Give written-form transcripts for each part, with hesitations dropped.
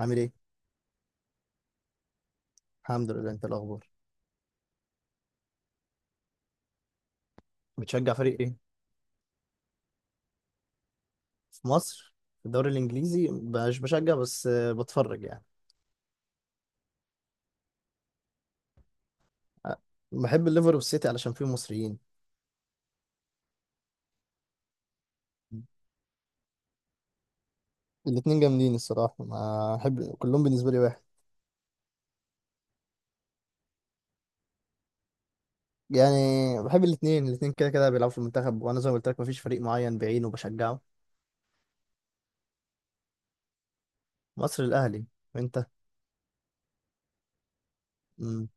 عامل ايه؟ الحمد لله. انت الاخبار؟ بتشجع فريق ايه؟ في مصر. في الدوري الانجليزي مش بشجع، بس بتفرج يعني. آه، بحب الليفر والسيتي علشان فيهم مصريين. الاتنين جامدين الصراحة، ما أحب كلهم، بالنسبة لي واحد. يعني بحب الاتنين، الاتنين كده كده بيلعبوا في المنتخب، وأنا زي ما قلت لك مفيش فريق معين بعينه بشجعه. مصر الأهلي. وأنت؟ مم.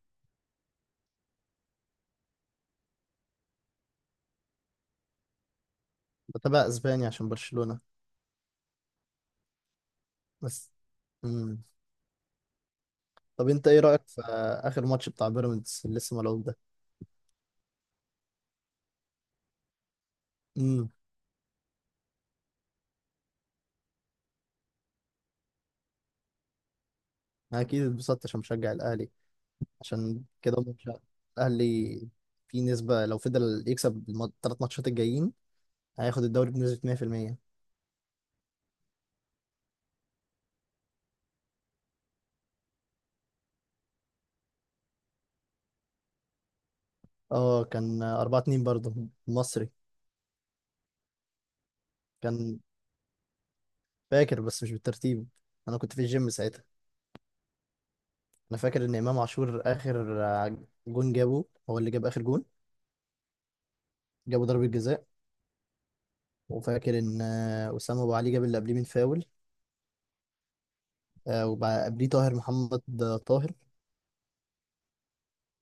بتابع أسباني عشان برشلونة بس. مم. طب أنت إيه رأيك في آخر ماتش بتاع بيراميدز اللي لسه ملعوب ده؟ مم. أكيد اتبسطت عشان بشجع الأهلي، عشان كده ماتش الاهلي في نسبه لو فضل يكسب 3 ماتشات الجايين هياخد الدوري بنسبه 100%. اه، كان 4-2 برضه مصري. كان فاكر بس مش بالترتيب، انا كنت في الجيم ساعتها. انا فاكر ان امام عاشور اخر جون جابه، هو اللي جاب اخر جون. جابه ضربه جزاء. وفاكر ان اسامه ابو علي جاب اللي قبليه من فاول. قبليه طاهر محمد. طاهر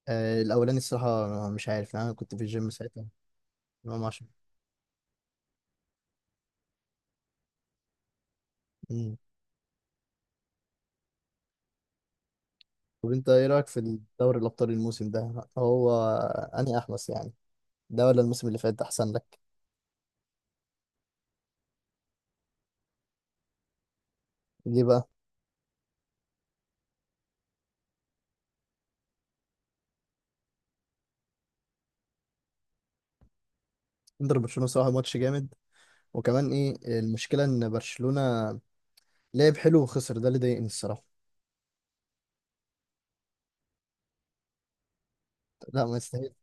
الاولاني الصراحه مش عارف، انا كنت في الجيم ساعتها. امام عاشور. طب انت ايه رايك في دوري الابطال الموسم ده؟ هو اني احمس يعني، ده ولا الموسم اللي فات ده احسن لك؟ ليه بقى؟ انتر برشلونه صراحه ماتش جامد، وكمان ايه المشكله ان برشلونه لعب حلو وخسر، ده اللي ضايقني الصراحه. لا ما يستاهل.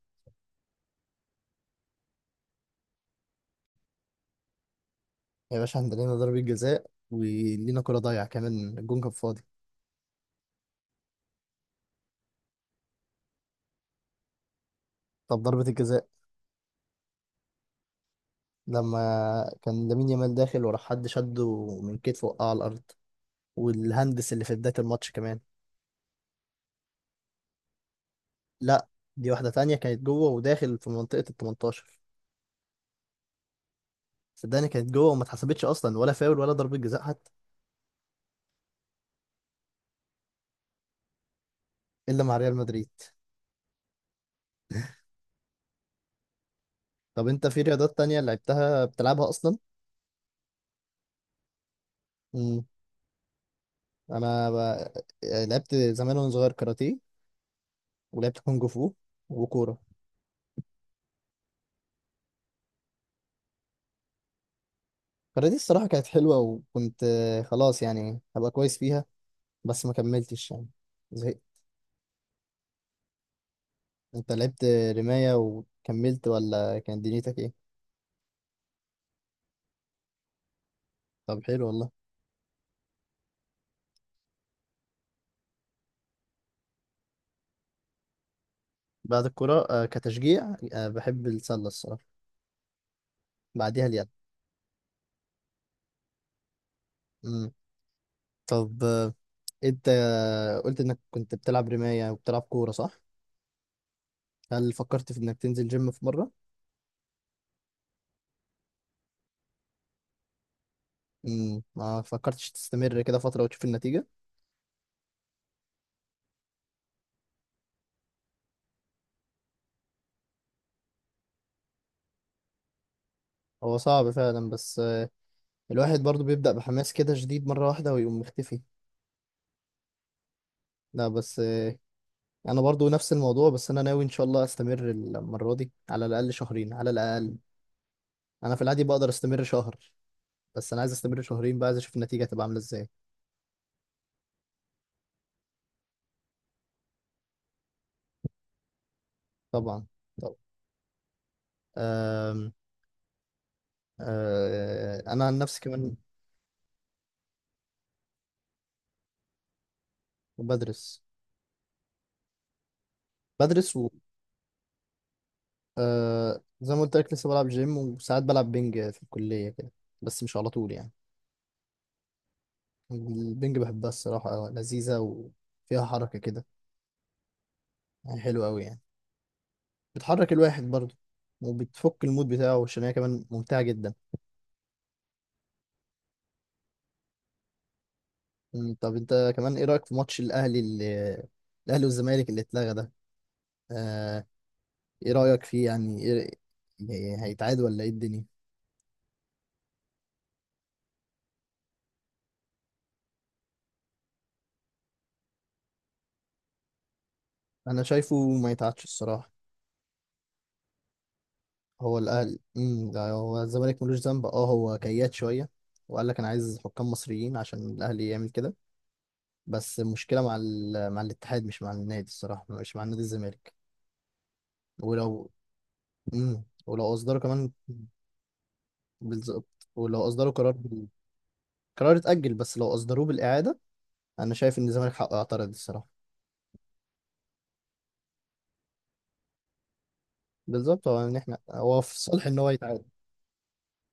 يا باشا عندنا لينا ضربه جزاء، ولينا كره ضايعه، كمان الجون كان فاضي. طب ضربه الجزاء لما كان لامين يامال داخل ورا، حد شده من كتفه وقع على الارض، والهندس اللي في بدايه الماتش كمان. لا، دي واحده تانية كانت جوه وداخل في منطقه ال 18. صدقني كانت جوه وما اتحسبتش اصلا، ولا فاول ولا ضربة جزاء حتى. الا مع ريال مدريد. طب انت في رياضات تانية لعبتها بتلعبها اصلا؟ امم، انا ب... يعني لعبت زمان وانا صغير كاراتيه، ولعبت كونج فو وكورة. الكاراتيه الصراحة كانت حلوة، وكنت خلاص يعني هبقى كويس فيها، بس ما كملتش يعني، زهقت. انت لعبت رماية وكملت ولا كانت دنيتك ايه؟ طب حلو والله. بعد الكورة كتشجيع بحب السلة الصراحة، بعديها اليد. امم، طب انت قلت انك كنت بتلعب رماية وبتلعب كورة صح؟ هل فكرت في انك تنزل جيم في مرة؟ امم، ما فكرتش تستمر كده فترة وتشوف النتيجة؟ هو صعب فعلا، بس الواحد برضو بيبدأ بحماس كده شديد مرة واحدة، ويقوم مختفي. لا بس انا برضو نفس الموضوع، بس انا ناوي ان شاء الله استمر المرة دي على الاقل شهرين على الاقل. انا في العادي بقدر استمر شهر، بس انا عايز استمر شهرين بقى، عايز اشوف النتيجة تبقى عاملة ازاي. طبعا، طبعا. أم... انا عن نفسي كمان بدرس. بدرس، و زي ما قلت لك لسه بلعب جيم، وساعات بلعب بينج في الكلية كده، بس مش على طول يعني. البينج؟ بحبها الصراحة أوي، لذيذة وفيها حركة كده، يعني حلوة أوي يعني. بتحرك الواحد برضه وبتفك المود بتاعه، عشان هي كمان ممتعة جدا. مم، طب أنت كمان إيه رأيك في ماتش الأهلي والزمالك اللي اتلغى ده؟ آه، إيه رأيك فيه؟ يعني هيتعاد ولا إيه الدنيا؟ أنا شايفه ما يتعادش الصراحة. هو الاهلي، امم، ده هو الزمالك ملوش ذنب. اه، هو كياد شويه وقال لك انا عايز حكام مصريين عشان الاهلي يعمل كده. بس المشكله مع مع الاتحاد، مش مع النادي الصراحه، مش مع نادي الزمالك. ولو امم، ولو اصدروا كمان، بالظبط، ولو اصدروا قرار قرار اتاجل، بس لو اصدروه بالاعاده انا شايف ان الزمالك حقه يعترض الصراحه. بالظبط. هو ان احنا هو في صالح ان هو يتعاد.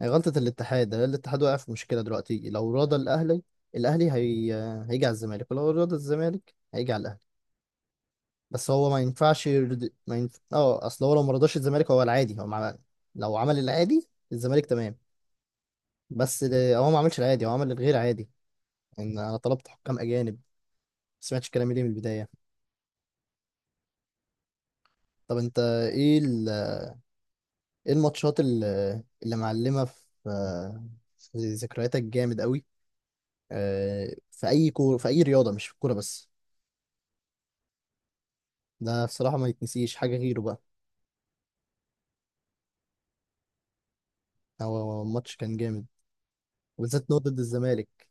هي غلطه الاتحاد، ده الاتحاد واقع في مشكله دلوقتي. لو راضى الاهلي، الاهلي هي... هيجي على الزمالك، ولو راضى الزمالك هيجي على الاهلي. بس هو ما ينفعش يرد... ما ينف... اه، اصل هو لو ما رضاش الزمالك هو العادي هو مع... لو عمل العادي الزمالك تمام، هو ما عملش العادي، هو عمل الغير عادي. ان انا طلبت حكام اجانب، ما سمعتش كلامي ليه من البدايه. طب انت ايه ال... ايه الماتشات ال- اللي معلمه في في ذكرياتك جامد قوي في اي رياضه، مش في الكوره بس. ده بصراحه ما يتنسيش، حاجه غيره بقى. هو ماتش كان جامد، وبالذات إن هو ضد الزمالك.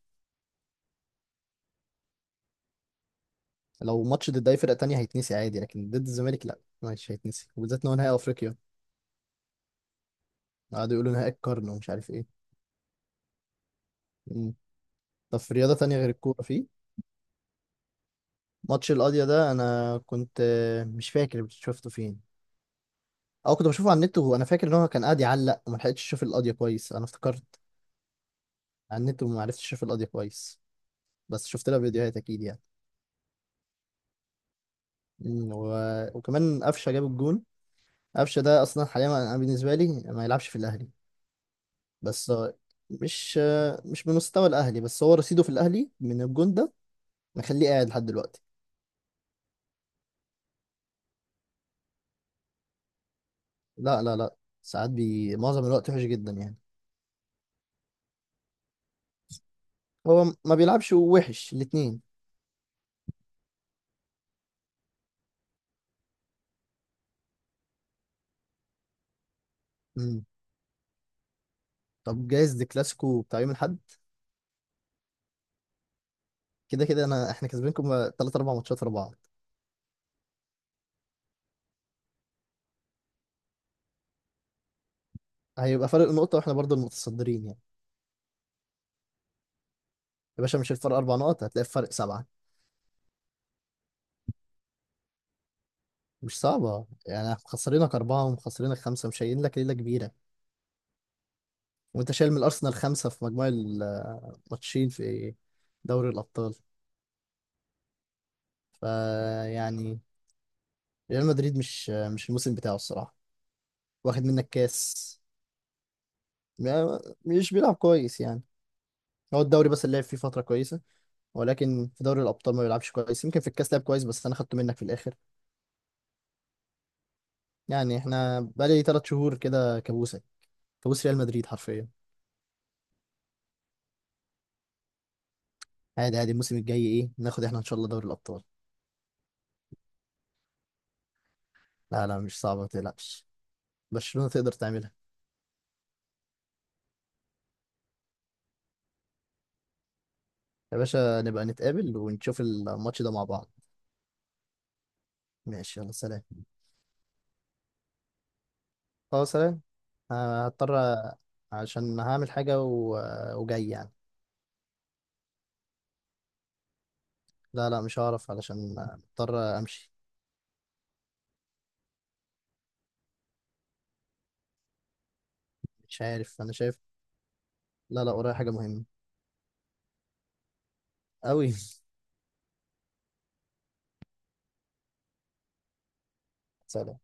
لو ماتش ضد اي فرقه تانية هيتنسي عادي، لكن ضد الزمالك لا، مش هيتنسي، وبالذات ان هو نهائي افريقيا. قعدوا يقولوا نهائي القرن ومش عارف ايه. مم. طب في رياضه تانية غير الكوره؟ في ماتش القاضيه ده، انا كنت مش فاكر شفته فين، او كنت بشوفه على النت، وانا فاكر ان هو كان قاعد يعلق وما لحقتش اشوف القاضيه كويس. انا افتكرت على النت، وما عرفتش اشوف القاضيه كويس، بس شفت لها فيديوهات اكيد يعني. مم. و... وكمان قفشه جاب الجون. قفشه ده اصلا حاليا انا بالنسبه لي ما يلعبش في الاهلي. بس مش بمستوى الاهلي، بس هو رصيده في الاهلي من الجون ده مخليه قاعد لحد دلوقتي. لا لا لا، ساعات بي معظم الوقت وحش جدا يعني. ما بيلعبش وحش الاثنين. طب جايز دي كلاسيكو بتاع يوم الاحد، كده كده انا احنا كسبينكم 3 4 ماتشات ورا بعض. هيبقى فرق نقطة واحنا برضو المتصدرين يعني. يا باشا مش الفرق 4 نقط، هتلاقي الفرق 7. مش صعبة يعني، مخسرينك 4 ومخسرينك 5، مش شايلين لك ليلة كبيرة. وانت شايل من الارسنال 5 في مجموع الماتشين في دوري الابطال. فيعني ريال مدريد مش الموسم بتاعه الصراحه، واخد منك كاس. مش بيلعب كويس يعني. هو الدوري بس اللي لعب فيه فتره كويسه، ولكن في دوري الابطال ما بيلعبش كويس. يمكن في الكاس لعب كويس، بس انا خدته منك في الاخر. يعني احنا بقالي 3 شهور كده كابوسه، كابوس ريال مدريد حرفيا. عادي، عادي. الموسم الجاي ايه؟ ناخد احنا ان شاء الله دوري الابطال. لا لا، مش صعبه، ما تقلقش، برشلونه تقدر تعملها. يا باشا نبقى نتقابل ونشوف الماتش ده مع بعض. ماشي، يلا سلام. اه سلام. هضطر. عشان هعمل حاجة وجاي يعني. لا لا مش هعرف، علشان مضطر امشي. مش عارف، انا شايف. لا لا ورايا حاجة مهمة. أوي. سلام.